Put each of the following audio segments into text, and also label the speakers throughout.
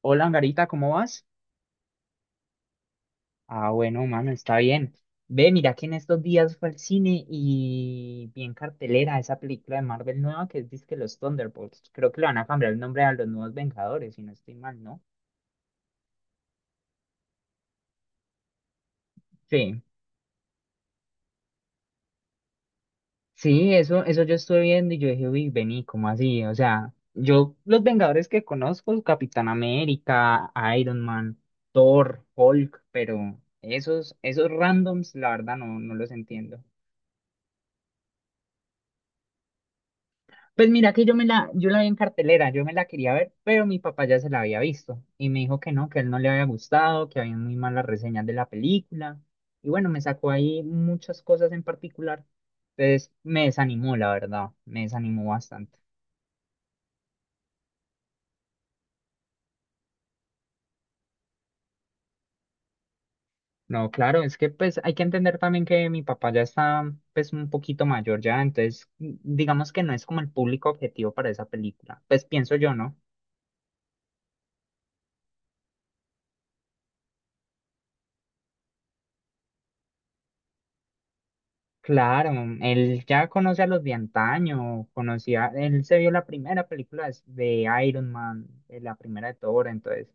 Speaker 1: Hola, Angarita, ¿cómo vas? Ah, bueno, mano, está bien. Ve, mira que en estos días fue al cine y vi en cartelera esa película de Marvel nueva que es que Los Thunderbolts. Creo que le van a cambiar el nombre a los nuevos Vengadores, si no estoy mal, ¿no? Sí, sí, eso yo estuve viendo y yo dije, uy, vení, ¿cómo así? O sea, yo los Vengadores que conozco, Capitán América, Iron Man, Thor, Hulk, pero esos, esos randoms, la verdad, no, no los entiendo. Pues mira que yo la vi en cartelera, yo me la quería ver, pero mi papá ya se la había visto y me dijo que no, que a él no le había gustado, que había muy malas reseñas de la película. Y bueno, me sacó ahí muchas cosas en particular. Entonces me desanimó, la verdad, me desanimó bastante. No, claro, es que pues hay que entender también que mi papá ya está pues un poquito mayor ya, entonces digamos que no es como el público objetivo para esa película. Pues pienso yo, ¿no? Claro, él ya conoce a los de antaño, conocía, él se vio la primera película de Iron Man, la primera de Thor, entonces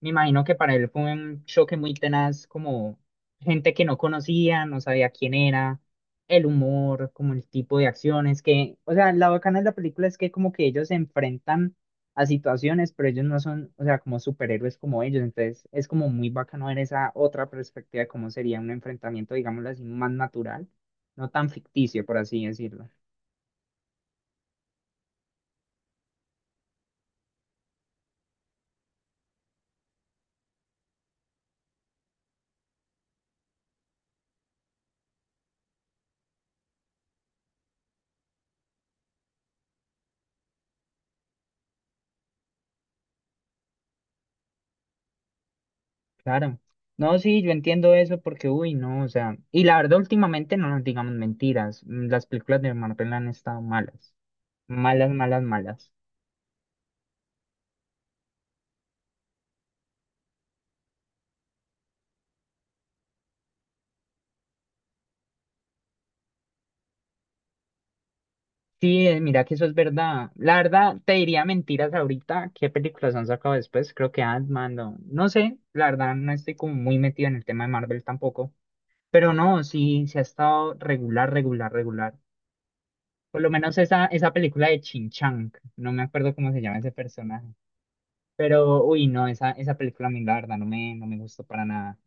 Speaker 1: me imagino que para él fue un choque muy tenaz, como gente que no conocía, no sabía quién era, el humor, como el tipo de acciones que, o sea, la bacana de la película es que como que ellos se enfrentan a situaciones, pero ellos no son, o sea, como superhéroes como ellos, entonces es como muy bacano ver esa otra perspectiva de cómo sería un enfrentamiento, digámoslo así, más natural, no tan ficticio, por así decirlo. Claro. No, sí, yo entiendo eso porque, uy, no, o sea, y la verdad, últimamente no nos digamos mentiras, las películas de Marvel han estado malas, malas, malas, malas. Sí, mira que eso es verdad. La verdad, te diría mentiras ahorita, qué películas han sacado después, creo que Ant-Man, no, no sé, la verdad, no estoy como muy metido en el tema de Marvel tampoco, pero no, sí, se ha estado regular, regular, regular. Por lo menos esa, esa película de Chin Chang, no me acuerdo cómo se llama ese personaje. Pero, uy, no, esa película a mí, la verdad, no me gustó para nada.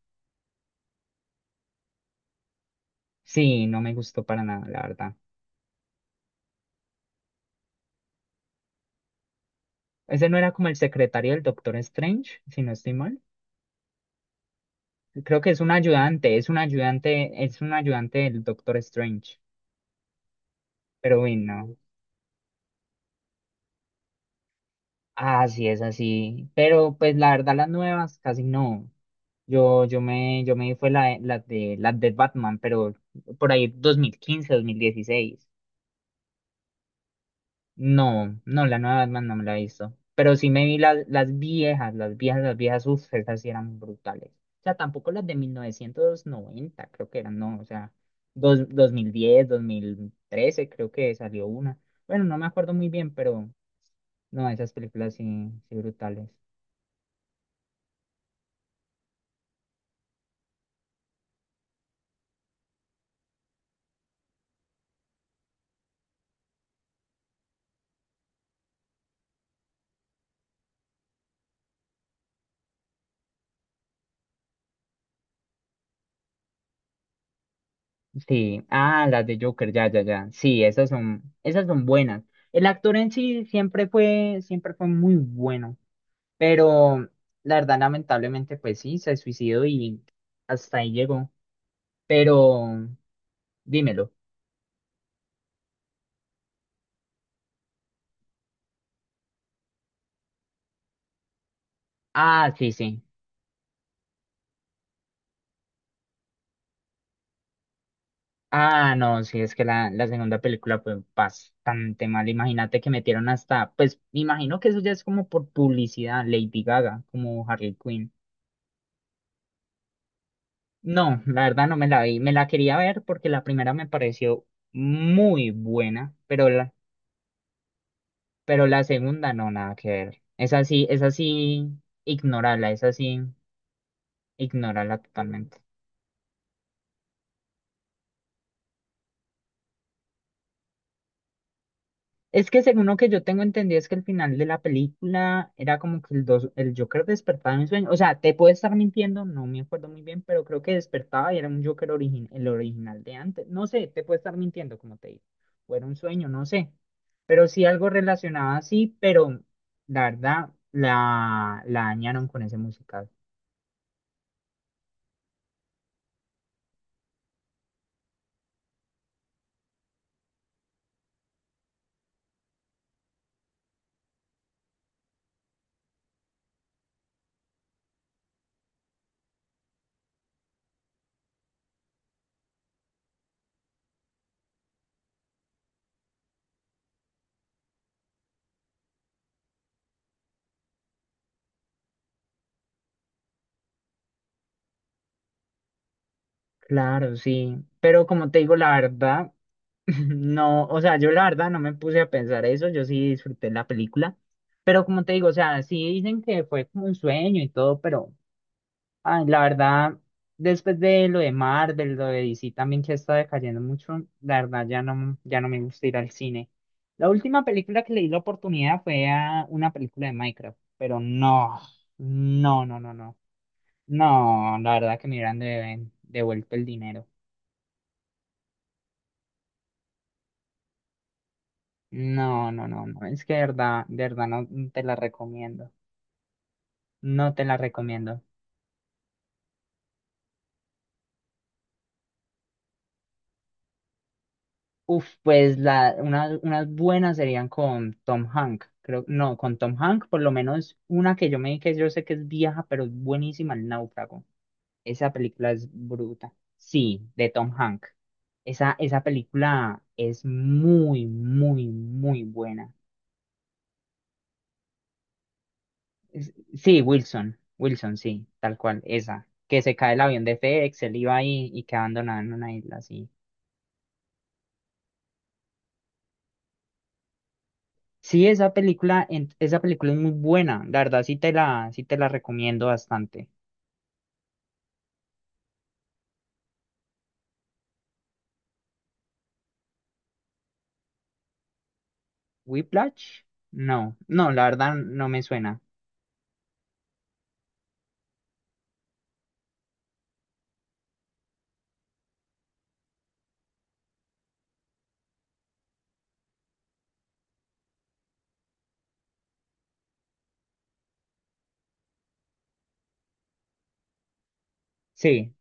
Speaker 1: Sí, no me gustó para nada, la verdad. Ese no era como el secretario del Doctor Strange, si no estoy mal. Creo que es un ayudante, es un ayudante, es un ayudante del Doctor Strange. Pero, uy, no. Ah, sí, es así. Pero, pues, la verdad, las nuevas casi no. Yo me di fue la de Batman, pero por ahí 2015, 2016. No, no, la nueva Batman no me la he visto. Pero sí me vi las viejas, las viejas, las viejas, uff, esas sí eran brutales. O sea, tampoco las de 1990 creo que eran, no, o sea, 2010 2013 creo que salió una. Bueno, no me acuerdo muy bien, pero no, esas películas sí, sí brutales. Sí, ah, las de Joker, ya, ya, ya. Sí, esas son buenas. El actor en sí siempre fue muy bueno. Pero la verdad, lamentablemente, pues sí, se suicidó y hasta ahí llegó. Pero dímelo. Ah, sí, sí. Ah, no, sí, es que la segunda película fue bastante mal. Imagínate que metieron hasta, pues me imagino que eso ya es como por publicidad, Lady Gaga, como Harley Quinn. No, la verdad no me la vi. Me la quería ver porque la primera me pareció muy buena, pero la segunda no, nada que ver. Es así, ignorarla, es así. Ignórala totalmente. Es que según lo que yo tengo entendido es que el final de la película era como que el, dos, el Joker despertaba en sueño. O sea, te puedo estar mintiendo, no me acuerdo muy bien, pero creo que despertaba y era un Joker origin, el original de antes. No sé, te puedo estar mintiendo, como te digo. O era un sueño, no sé. Pero sí algo relacionado así, pero la verdad la dañaron con ese musical. Claro, sí. Pero como te digo, la verdad. No, o sea, yo la verdad no me puse a pensar eso, yo sí disfruté la película, pero como te digo, o sea, sí dicen que fue como un sueño y todo, pero ay, la verdad, después de lo de Marvel lo de DC también que está decayendo mucho, la verdad ya no, ya no me gusta ir al cine. La última película que le di la oportunidad fue a una película de Minecraft, pero no, no, no, no, no, no, la verdad que me hubieran devuelto el dinero. No, no, no, no. Es que de verdad, no te la recomiendo. No te la recomiendo. Uf, pues unas buenas serían con Tom Hank. Creo, no, con Tom Hank, por lo menos una que yo me vi que yo sé que es vieja, pero es buenísima, El Náufrago. Esa película es bruta. Sí, de Tom Hank. Esa película es muy, muy, muy buena. Sí, Wilson, Wilson, sí, tal cual, esa, que se cae el avión de FedEx, él iba ahí y queda abandonado en una isla, sí. Sí, esa película es muy buena, la verdad sí te la recomiendo bastante. ¿Whiplash? No, no, la verdad no me suena. Sí,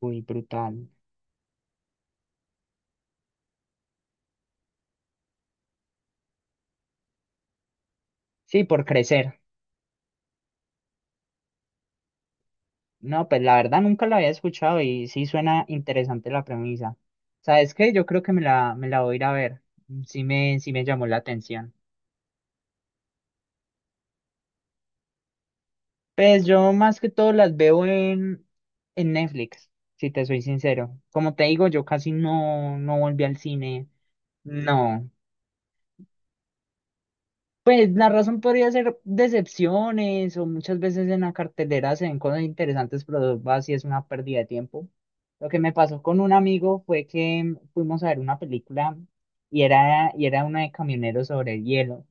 Speaker 1: muy brutal. Sí, por crecer. No, pues la verdad nunca la había escuchado y sí suena interesante la premisa. ¿Sabes qué? Yo creo que me la voy a ir a ver. Sí me llamó la atención. Pues yo más que todo las veo en Netflix, si te soy sincero. Como te digo, yo casi no, no volví al cine. No. Pues la razón podría ser decepciones o muchas veces en la cartelera se ven cosas interesantes, pero así es una pérdida de tiempo. Lo que me pasó con un amigo fue que fuimos a ver una película y era una de camioneros sobre el hielo.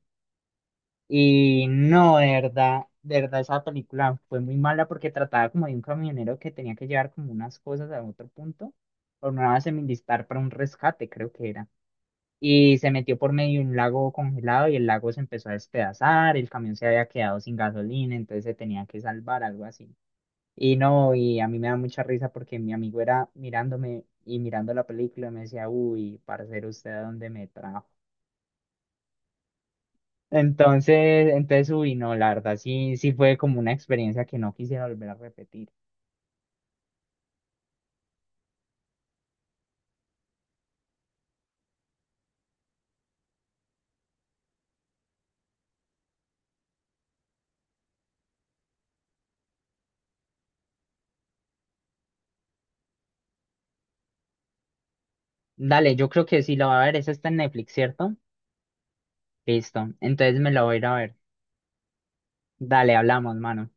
Speaker 1: Y no, de verdad esa película fue muy mala porque trataba como de un camionero que tenía que llevar como unas cosas a otro punto, o una semidistar para un rescate, creo que era. Y se metió por medio de un lago congelado y el lago se empezó a despedazar, el camión se había quedado sin gasolina, entonces se tenía que salvar, algo así. Y no, y a mí me da mucha risa porque mi amigo era mirándome y mirando la película y me decía, uy, parcero, ¿usted a dónde me trajo? Entonces, uy, no, la verdad, sí, sí fue como una experiencia que no quisiera volver a repetir. Dale, yo creo que sí la va a ver, esa está en Netflix, ¿cierto? Listo, entonces me la voy a ir a ver. Dale, hablamos, mano.